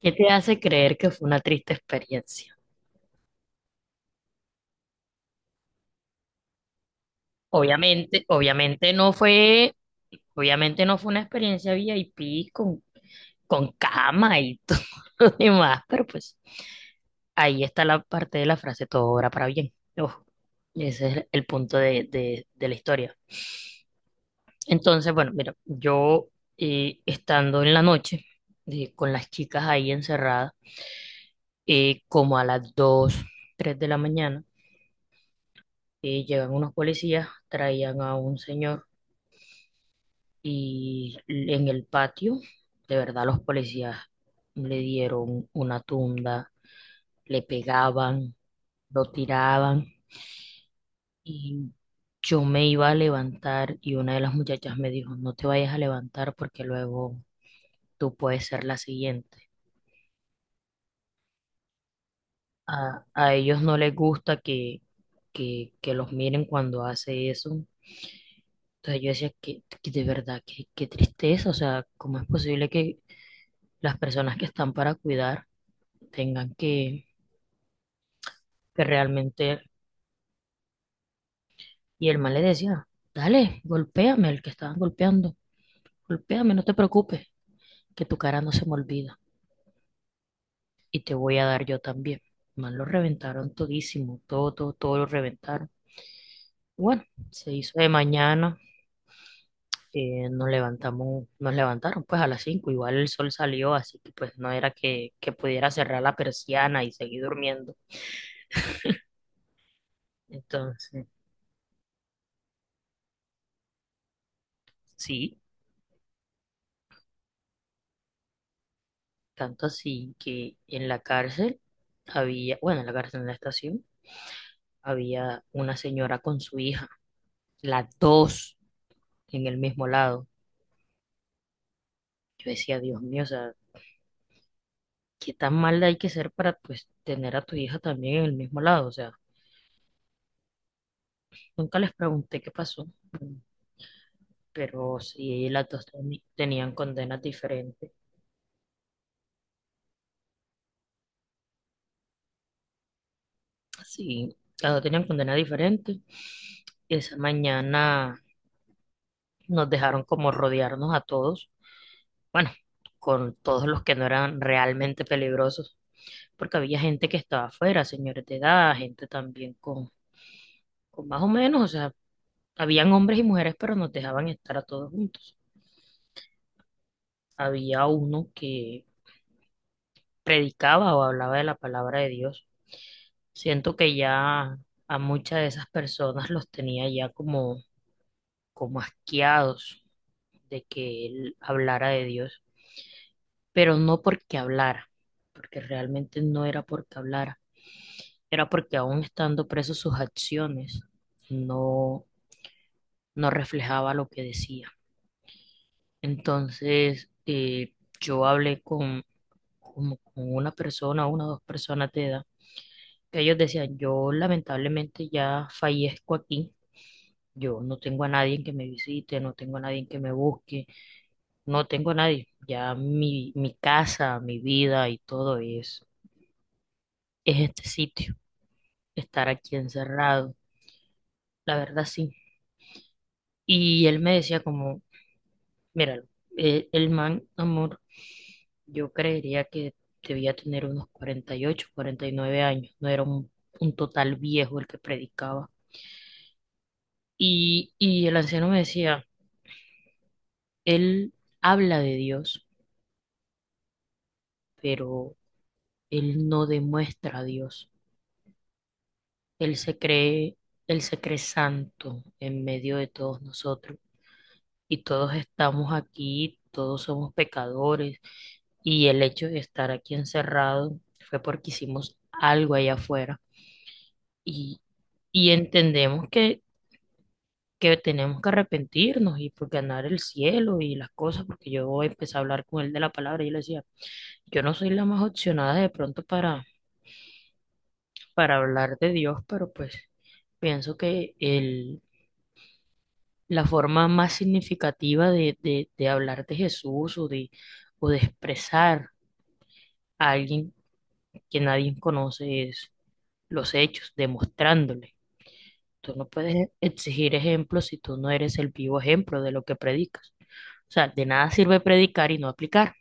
¿Qué te hace creer que fue una triste experiencia? Obviamente, obviamente no fue una experiencia VIP con cama y todo lo demás, pero pues ahí está la parte de la frase, todo obra para bien. Ojo, ese es el punto de la historia. Entonces, bueno, mira, yo estando en la noche con las chicas ahí encerradas, como a las 2 3 de la mañana. Y llegan unos policías, traían a un señor y en el patio, de verdad, los policías le dieron una tunda, le pegaban, lo tiraban y yo me iba a levantar y una de las muchachas me dijo, no te vayas a levantar porque luego tú puedes ser la siguiente. A ellos no les gusta que, que los miren cuando hace eso. Entonces yo decía que de verdad, que, qué tristeza, o sea, ¿cómo es posible que las personas que están para cuidar tengan que realmente. Y el man le decía, dale, golpéame, el que estaban golpeando, golpéame, no te preocupes, que tu cara no se me olvida y te voy a dar yo también. El Man, lo reventaron todísimo, todo, todo, todo lo reventaron. Bueno, se hizo de mañana, nos levantamos, nos levantaron pues a las 5 igual el sol salió, así que pues no era que pudiera cerrar la persiana y seguir durmiendo. Entonces, sí, tanto así que en la cárcel había, bueno, en la cárcel en la estación, había una señora con su hija, las dos en el mismo lado. Yo decía, Dios mío, o sea, qué tan mal hay que ser para pues tener a tu hija también en el mismo lado. O sea, nunca les pregunté qué pasó, pero sí las dos tenían condenas diferentes. Sí, las dos tenían condenas diferentes. Esa mañana nos dejaron como rodearnos a todos, bueno, con todos los que no eran realmente peligrosos porque había gente que estaba afuera, señores de edad, gente también con más o menos, o sea, habían hombres y mujeres, pero nos dejaban estar a todos juntos. Había uno que predicaba o hablaba de la palabra de Dios. Siento que ya a muchas de esas personas los tenía ya como asqueados de que él hablara de Dios, pero no porque hablara, porque realmente no era porque hablara, era porque aún estando presos sus acciones no no reflejaba lo que decía. Entonces, yo hablé con, como con una persona, una o dos personas de edad, que ellos decían, yo lamentablemente ya fallezco aquí, yo no tengo a nadie que me visite, no tengo a nadie que me busque, no tengo a nadie, ya mi casa, mi vida y todo es este sitio, estar aquí encerrado, la verdad sí. Y él me decía como, míralo, el man, amor, yo creería que debía tener unos 40, 48, 49 años, no era un total viejo el que predicaba. Y el anciano me decía, él habla de Dios, pero él no demuestra a Dios. Él se cree, él se cree santo en medio de todos nosotros. Y todos estamos aquí, todos somos pecadores. Y el hecho de estar aquí encerrado fue porque hicimos algo allá afuera y, y entendemos que tenemos que arrepentirnos y por ganar el cielo y las cosas, porque yo empecé a hablar con él de la palabra y yo le decía, yo no soy la más opcionada de pronto para hablar de Dios, pero pues pienso que el, la forma más significativa de hablar de Jesús o de expresar a alguien que nadie conoce es los hechos, demostrándole. Tú no puedes exigir ejemplos si tú no eres el vivo ejemplo de lo que predicas. O sea, de nada sirve predicar y no aplicar.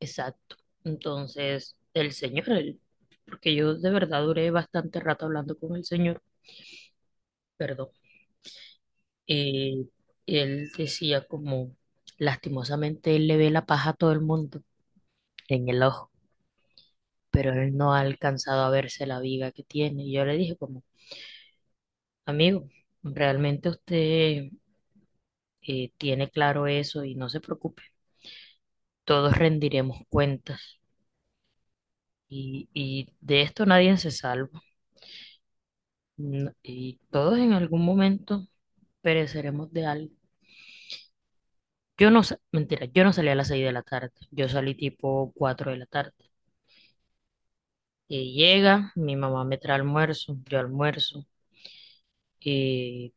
Exacto. Entonces, el Señor, porque yo de verdad duré bastante rato hablando con el Señor, perdón, eh, él decía como, lastimosamente él le ve la paja a todo el mundo en el ojo, pero él no ha alcanzado a verse la viga que tiene. Y yo le dije como, amigo, realmente usted tiene claro eso y no se preocupe, todos rendiremos cuentas y de esto nadie se salva. No, y todos en algún momento pereceremos de algo. Yo mentira, yo no salí a las 6 de la tarde, yo salí tipo 4 de la tarde. Y llega, mi mamá me trae almuerzo, yo almuerzo, y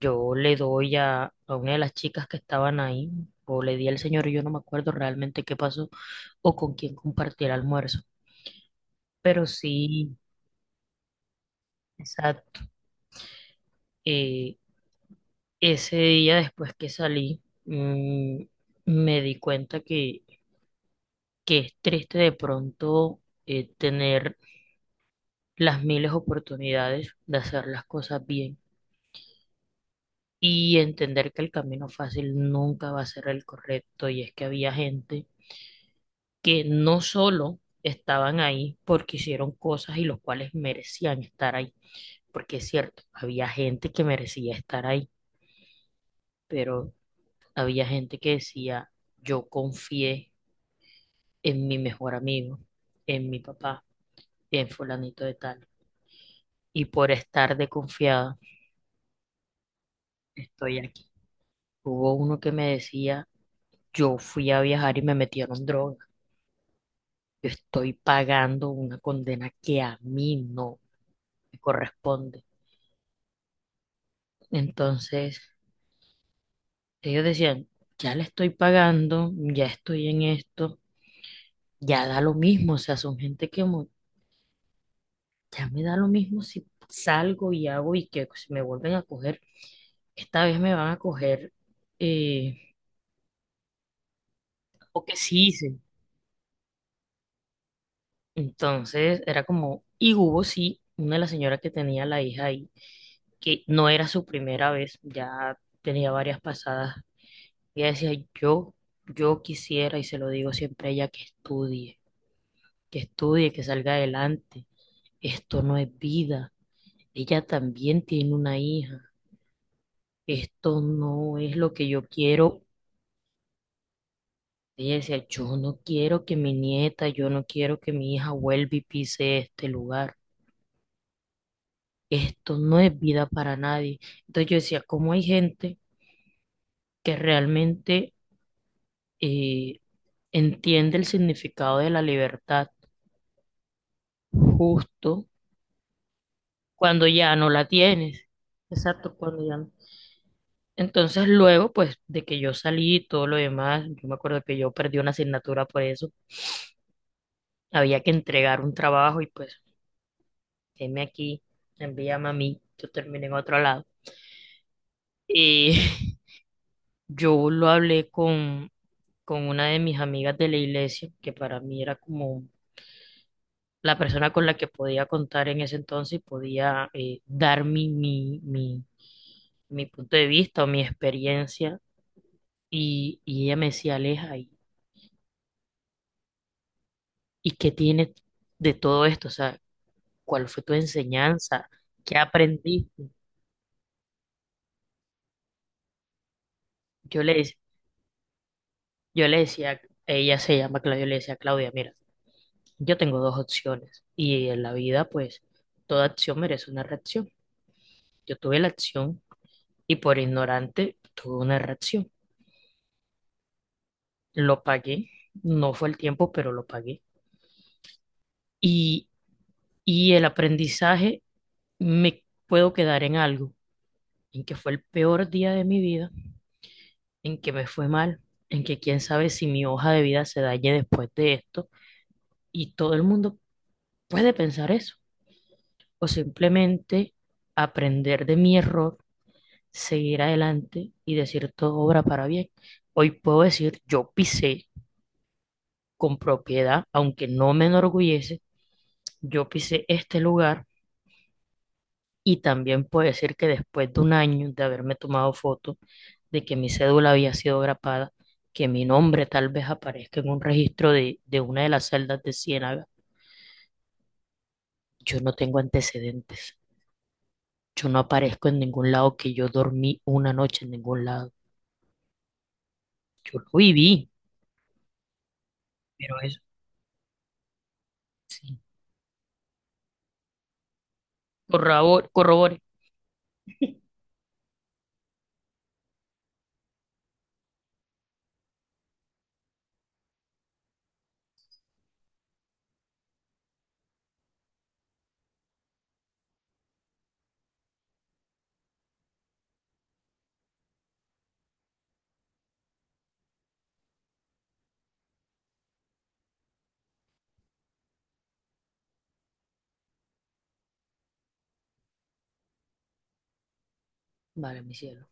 yo le doy a una de las chicas que estaban ahí, o le di al señor, yo no me acuerdo realmente qué pasó o con quién compartí el almuerzo. Pero sí, exacto, eh, ese día después que salí, me di cuenta que es triste de pronto, tener las miles oportunidades de hacer las cosas bien y entender que el camino fácil nunca va a ser el correcto. Y es que había gente que no solo estaban ahí porque hicieron cosas y los cuales merecían estar ahí, porque es cierto, había gente que merecía estar ahí, pero había gente que decía, yo confié en mi mejor amigo, en mi papá, en fulanito de tal. Y por estar de confiada, estoy aquí. Hubo uno que me decía, yo fui a viajar y me metieron droga. Yo estoy pagando una condena que a mí no me corresponde. Entonces, ellos decían, ya le estoy pagando, ya estoy en esto, ya da lo mismo. O sea, son gente que ya me da lo mismo si salgo y hago y que si me vuelven a coger, esta vez me van a coger, eh, o que sí hice. Entonces era como, y hubo sí, una de las señoras que tenía la hija ahí, que no era su primera vez, ya tenía varias pasadas. Ella decía, yo, yo quisiera, y se lo digo siempre a ella, que estudie, que estudie, que salga adelante. Esto no es vida. Ella también tiene una hija. Esto no es lo que yo quiero. Ella decía, yo no quiero que mi nieta, yo no quiero que mi hija vuelva y pise este lugar. Esto no es vida para nadie. Entonces yo decía, ¿cómo hay gente que realmente eh, entiende el significado de la libertad justo cuando ya no la tienes? Exacto, cuando ya no. Entonces luego, pues de que yo salí y todo lo demás, yo me acuerdo que yo perdí una asignatura por eso, había que entregar un trabajo y pues, heme aquí, envíame a mí, yo terminé en otro lado. Y yo lo hablé con una de mis amigas de la iglesia, que para mí era como la persona con la que podía contar en ese entonces y podía dar mi punto de vista o mi experiencia. Y ella me decía, Aleja, ¿y qué tienes de todo esto? O sea, ¿cuál fue tu enseñanza? ¿Qué aprendiste? Yo le, dec- yo le decía, ella se llama Claudia, yo le decía, Claudia, mira, yo tengo dos opciones. Y en la vida, pues, toda acción merece una reacción. Yo tuve la acción y por ignorante tuve una reacción. Lo pagué, no fue el tiempo, pero lo pagué. Y, y el aprendizaje me puedo quedar en algo, en que fue el peor día de mi vida, en que me fue mal, en que quién sabe si mi hoja de vida se dañe después de esto. Y todo el mundo puede pensar eso, o simplemente aprender de mi error, seguir adelante y decir todo obra para bien. Hoy puedo decir, yo pisé con propiedad, aunque no me enorgullece, yo pisé este lugar y también puedo decir que después de un año de haberme tomado foto, de que mi cédula había sido grapada, que mi nombre tal vez aparezca en un registro de una de las celdas de Ciénaga, yo no tengo antecedentes. Yo no aparezco en ningún lado que yo dormí una noche en ningún lado. Yo lo viví, pero eso sí. Corrobore. Vale, mi cielo.